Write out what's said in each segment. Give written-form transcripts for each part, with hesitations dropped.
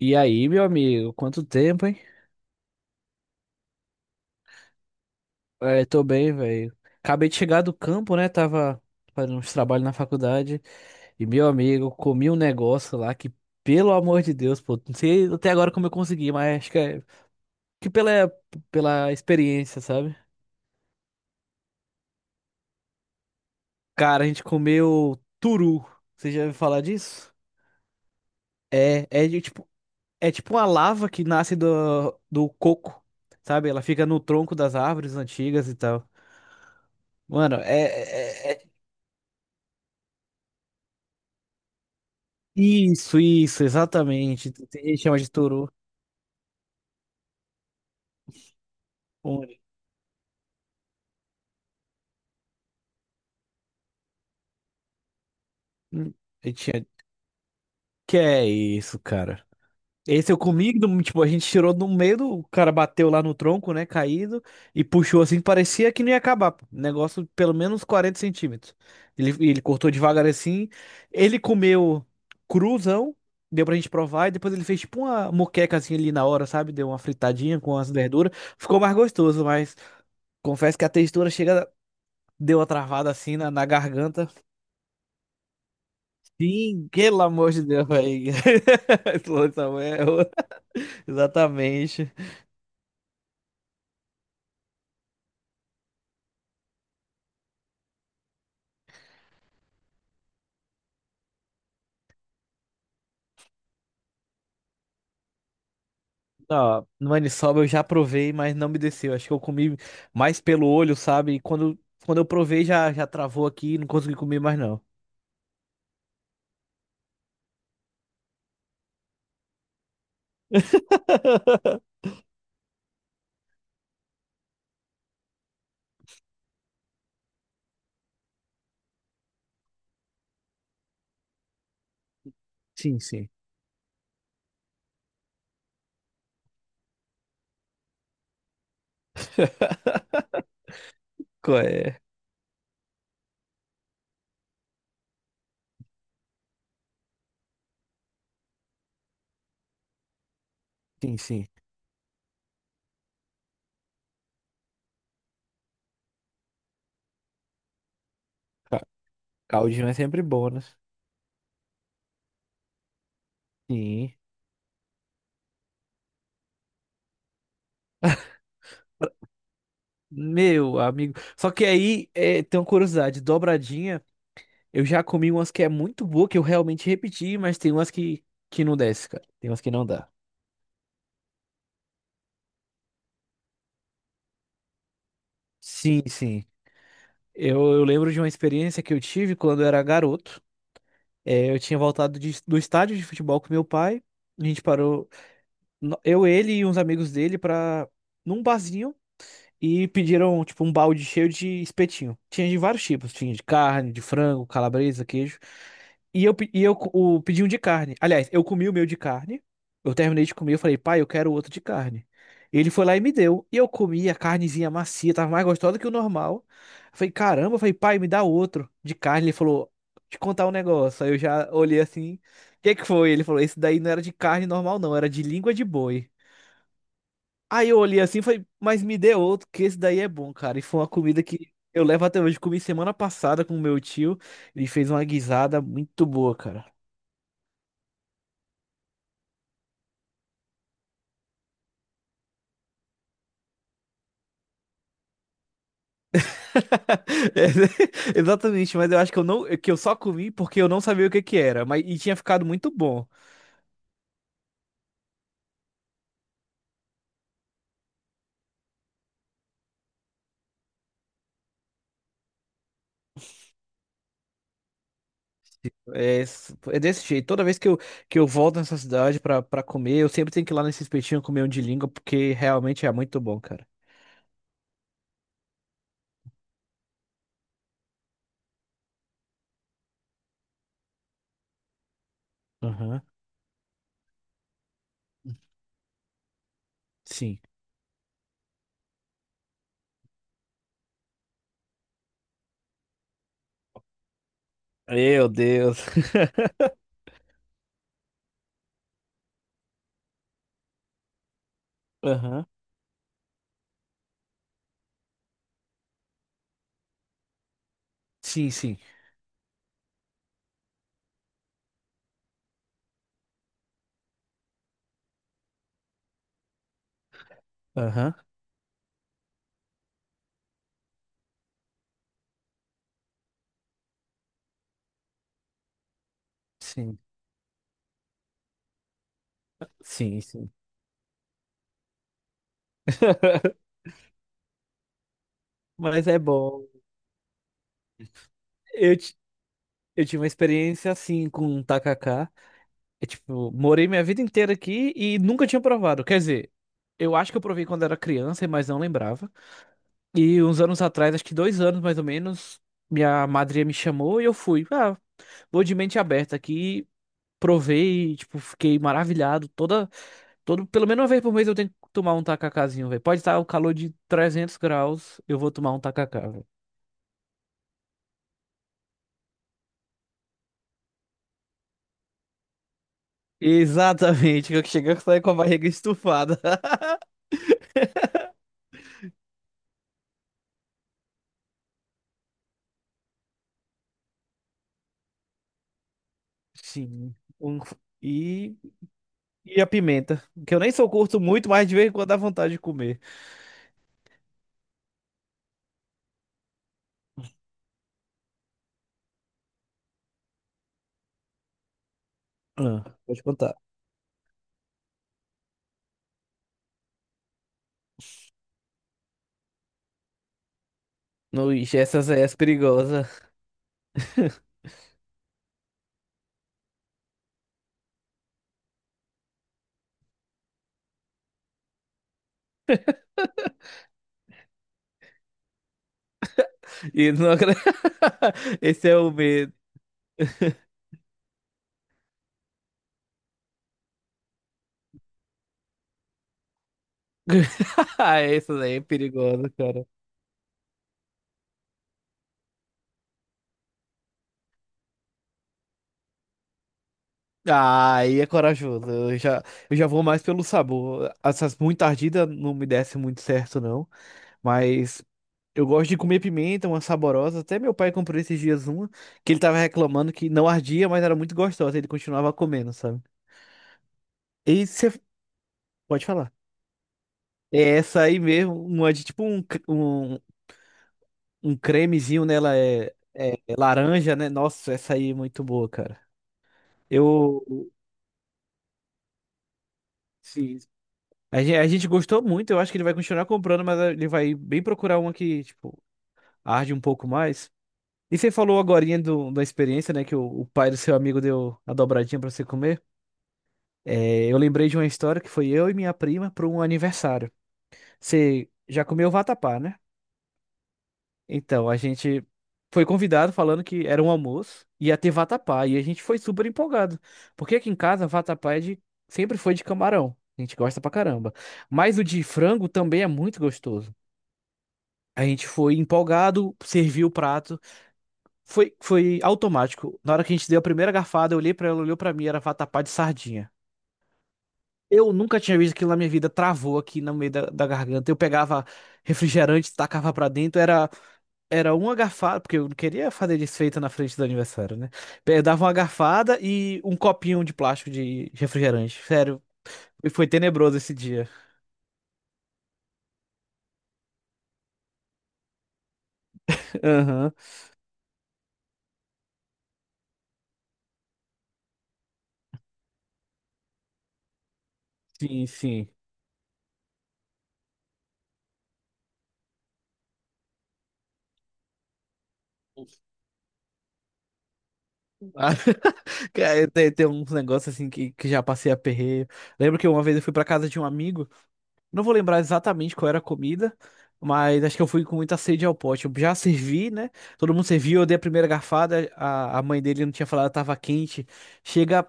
E aí, meu amigo, quanto tempo, hein? É, tô bem, velho. Acabei de chegar do campo, né? Tava fazendo uns trabalhos na faculdade. E, meu amigo, comi um negócio lá que, pelo amor de Deus, pô, não sei até agora como eu consegui, mas acho que é que pela experiência, sabe? Cara, a gente comeu turu. Você já ouviu falar disso? É de tipo, é tipo uma lava que nasce do coco, sabe? Ela fica no tronco das árvores antigas e tal. Mano, é. Isso, isso, exatamente. Tem gente que chama de toru. Onde? Hum. Eu tinha... Que é isso, cara? Esse eu comi, do- tipo, a gente tirou no meio, do- o cara bateu lá no tronco, né, caído, e puxou assim, parecia que não ia acabar, pô. Negócio de pelo menos 40 centímetros. Ele cortou devagar assim, ele comeu cruzão, deu pra gente provar, e depois ele fez tipo uma moqueca assim ali na hora, sabe? Deu uma fritadinha com as verduras. Ficou mais gostoso, mas confesso que a textura chega. Deu uma travada assim na garganta. Sim, pelo amor de Deus, velho. Esse louco tá bom. Exatamente. Ó, no maniçoba eu já provei, mas não me desceu. Acho que eu comi mais pelo olho, sabe? E quando eu provei, já travou aqui e não consegui comer mais, não. Sim, sim. Qual é. Sim, sim. Ca- caldinho é sempre bom, né? Sim. Meu amigo. Só que aí é, tem uma curiosidade. Dobradinha. Eu já comi umas que é muito boa, que eu realmente repeti, mas tem umas que não desce, cara. Tem umas que não dá. Sim, sim. Eu lembro de uma experiência que eu tive quando eu era garoto. É, eu tinha voltado de- do estádio de futebol com meu pai. A gente parou, no- eu, ele e uns amigos dele, pra, num barzinho. E pediram, tipo, um balde cheio de espetinho. Tinha de vários tipos, tinha de carne, de frango, calabresa, queijo. E eu, pe- e eu co- o, pedi um de carne. Aliás, eu comi o meu de carne. Eu terminei de comer, eu falei, pai, eu quero outro de carne. Ele foi lá e me deu. E eu comi a carnezinha macia, tava mais gostosa que o normal. Eu falei, caramba, eu falei, pai, me dá outro de carne. Ele falou, te contar um negócio. Aí eu já olhei assim, o que é que foi? Ele falou, esse daí não era de carne normal, não, era de língua de boi. Aí eu olhei assim e falei, mas me dê outro, que esse daí é bom, cara. E foi uma comida que eu levo até hoje. Comi semana passada com meu tio. Ele fez uma guisada muito boa, cara. É, exatamente, mas eu acho que eu não, que eu só comi porque eu não sabia o que que era, mas e tinha ficado muito bom. É, s- é desse jeito. Toda vez que que eu volto nessa cidade pra comer, eu sempre tenho que ir lá nesse espetinho comer um de língua, porque realmente é muito bom, cara. Aham. Sim. Meu Deus. Aham. Sim, sim. Aham. Sim. Sim, sim. Mas é bom. Eu, ti- eu tive uma experiência assim com um tacacá. É tipo, morei minha vida inteira aqui e nunca tinha provado. Quer dizer, eu acho que eu provei quando era criança, mas não lembrava. E uns anos atrás, acho que 2 anos mais ou menos, minha madrinha me chamou e eu fui. Ah, vou de mente aberta aqui. Provei, tipo, fiquei maravilhado. Todo, pelo menos uma vez por mês eu tenho que tomar um tacacazinho, velho. Pode estar o calor de 300 graus, eu vou tomar um tacacá. Exatamente, que chega a sair com a barriga estufada. Sim. Um- E, e a pimenta, que eu nem sou curto muito, mas de vez em quando dá vontade de comer. Ah, pode contar. No, ixi, essas aí é perigosa. E não... acre- esse é o medo. Ah, essa daí é perigosa, cara. Ah, aí é corajoso. Eu já vou mais pelo sabor. Essas muito ardidas não me desce muito certo, não. Mas eu gosto de comer pimenta, uma saborosa. Até meu pai comprou esses dias uma, que ele tava reclamando que não ardia, mas era muito gostosa. Ele continuava comendo, sabe? E você pode falar. É essa aí mesmo, uma de tipo um um cremezinho nela é, é laranja, né? Nossa, essa aí é muito boa, cara. Eu. Sim. A gente gostou muito, eu acho que ele vai continuar comprando, mas ele vai bem procurar uma que, tipo, arde um pouco mais. E você falou agorinha da experiência, né? Que o pai do seu amigo deu a dobradinha pra você comer. É, eu lembrei de uma história que foi eu e minha prima para um aniversário. Você já comeu vatapá, né? Então, a gente foi convidado falando que era um almoço, ia ter vatapá, e a gente foi super empolgado. Porque aqui em casa, vatapá é de... sempre foi de camarão. A gente gosta pra caramba. Mas o de frango também é muito gostoso. A gente foi empolgado, serviu o prato. Foi automático. Na hora que a gente deu a primeira garfada, eu olhei pra ela, olhou pra mim, era vatapá de sardinha. Eu nunca tinha visto aquilo na minha vida, travou aqui no meio da garganta. Eu pegava refrigerante, tacava pra dentro, era uma garfada, porque eu não queria fazer desfeita na frente do aniversário, né? Eu dava uma garfada e um copinho de plástico de refrigerante. Sério, foi tenebroso esse dia. Aham. Sim, sim. Ah, cara, tem uns negócios assim que já passei aperreio. Lembro que uma vez eu fui pra casa de um amigo. Não vou lembrar exatamente qual era a comida, mas acho que eu fui com muita sede ao pote. Eu já servi, né? Todo mundo serviu, eu dei a primeira garfada, a mãe dele não tinha falado, tava quente. Chega,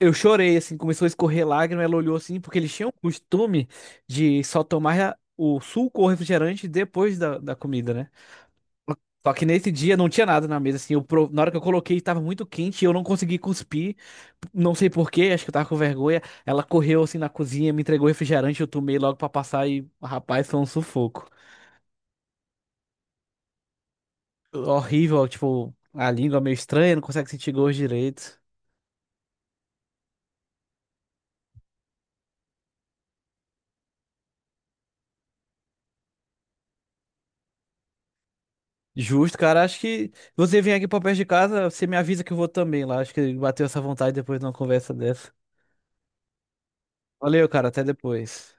eu chorei, assim, começou a escorrer lágrima, ela olhou assim, porque eles tinham o costume de só tomar o suco ou refrigerante depois da comida, né? Só que nesse dia não tinha nada na mesa, assim. Eu, pro- na hora que eu coloquei, estava muito quente e eu não consegui cuspir. Não sei por quê, acho que eu tava com vergonha. Ela correu assim na cozinha, me entregou refrigerante, eu tomei logo pra passar e, rapaz, foi um sufoco. Horrível, tipo, a língua meio estranha, não consegue sentir gosto direito. Justo, cara. Acho que você vem aqui pra perto de casa, você me avisa que eu vou também lá. Acho que bateu essa vontade depois de uma conversa dessa. Valeu, cara. Até depois.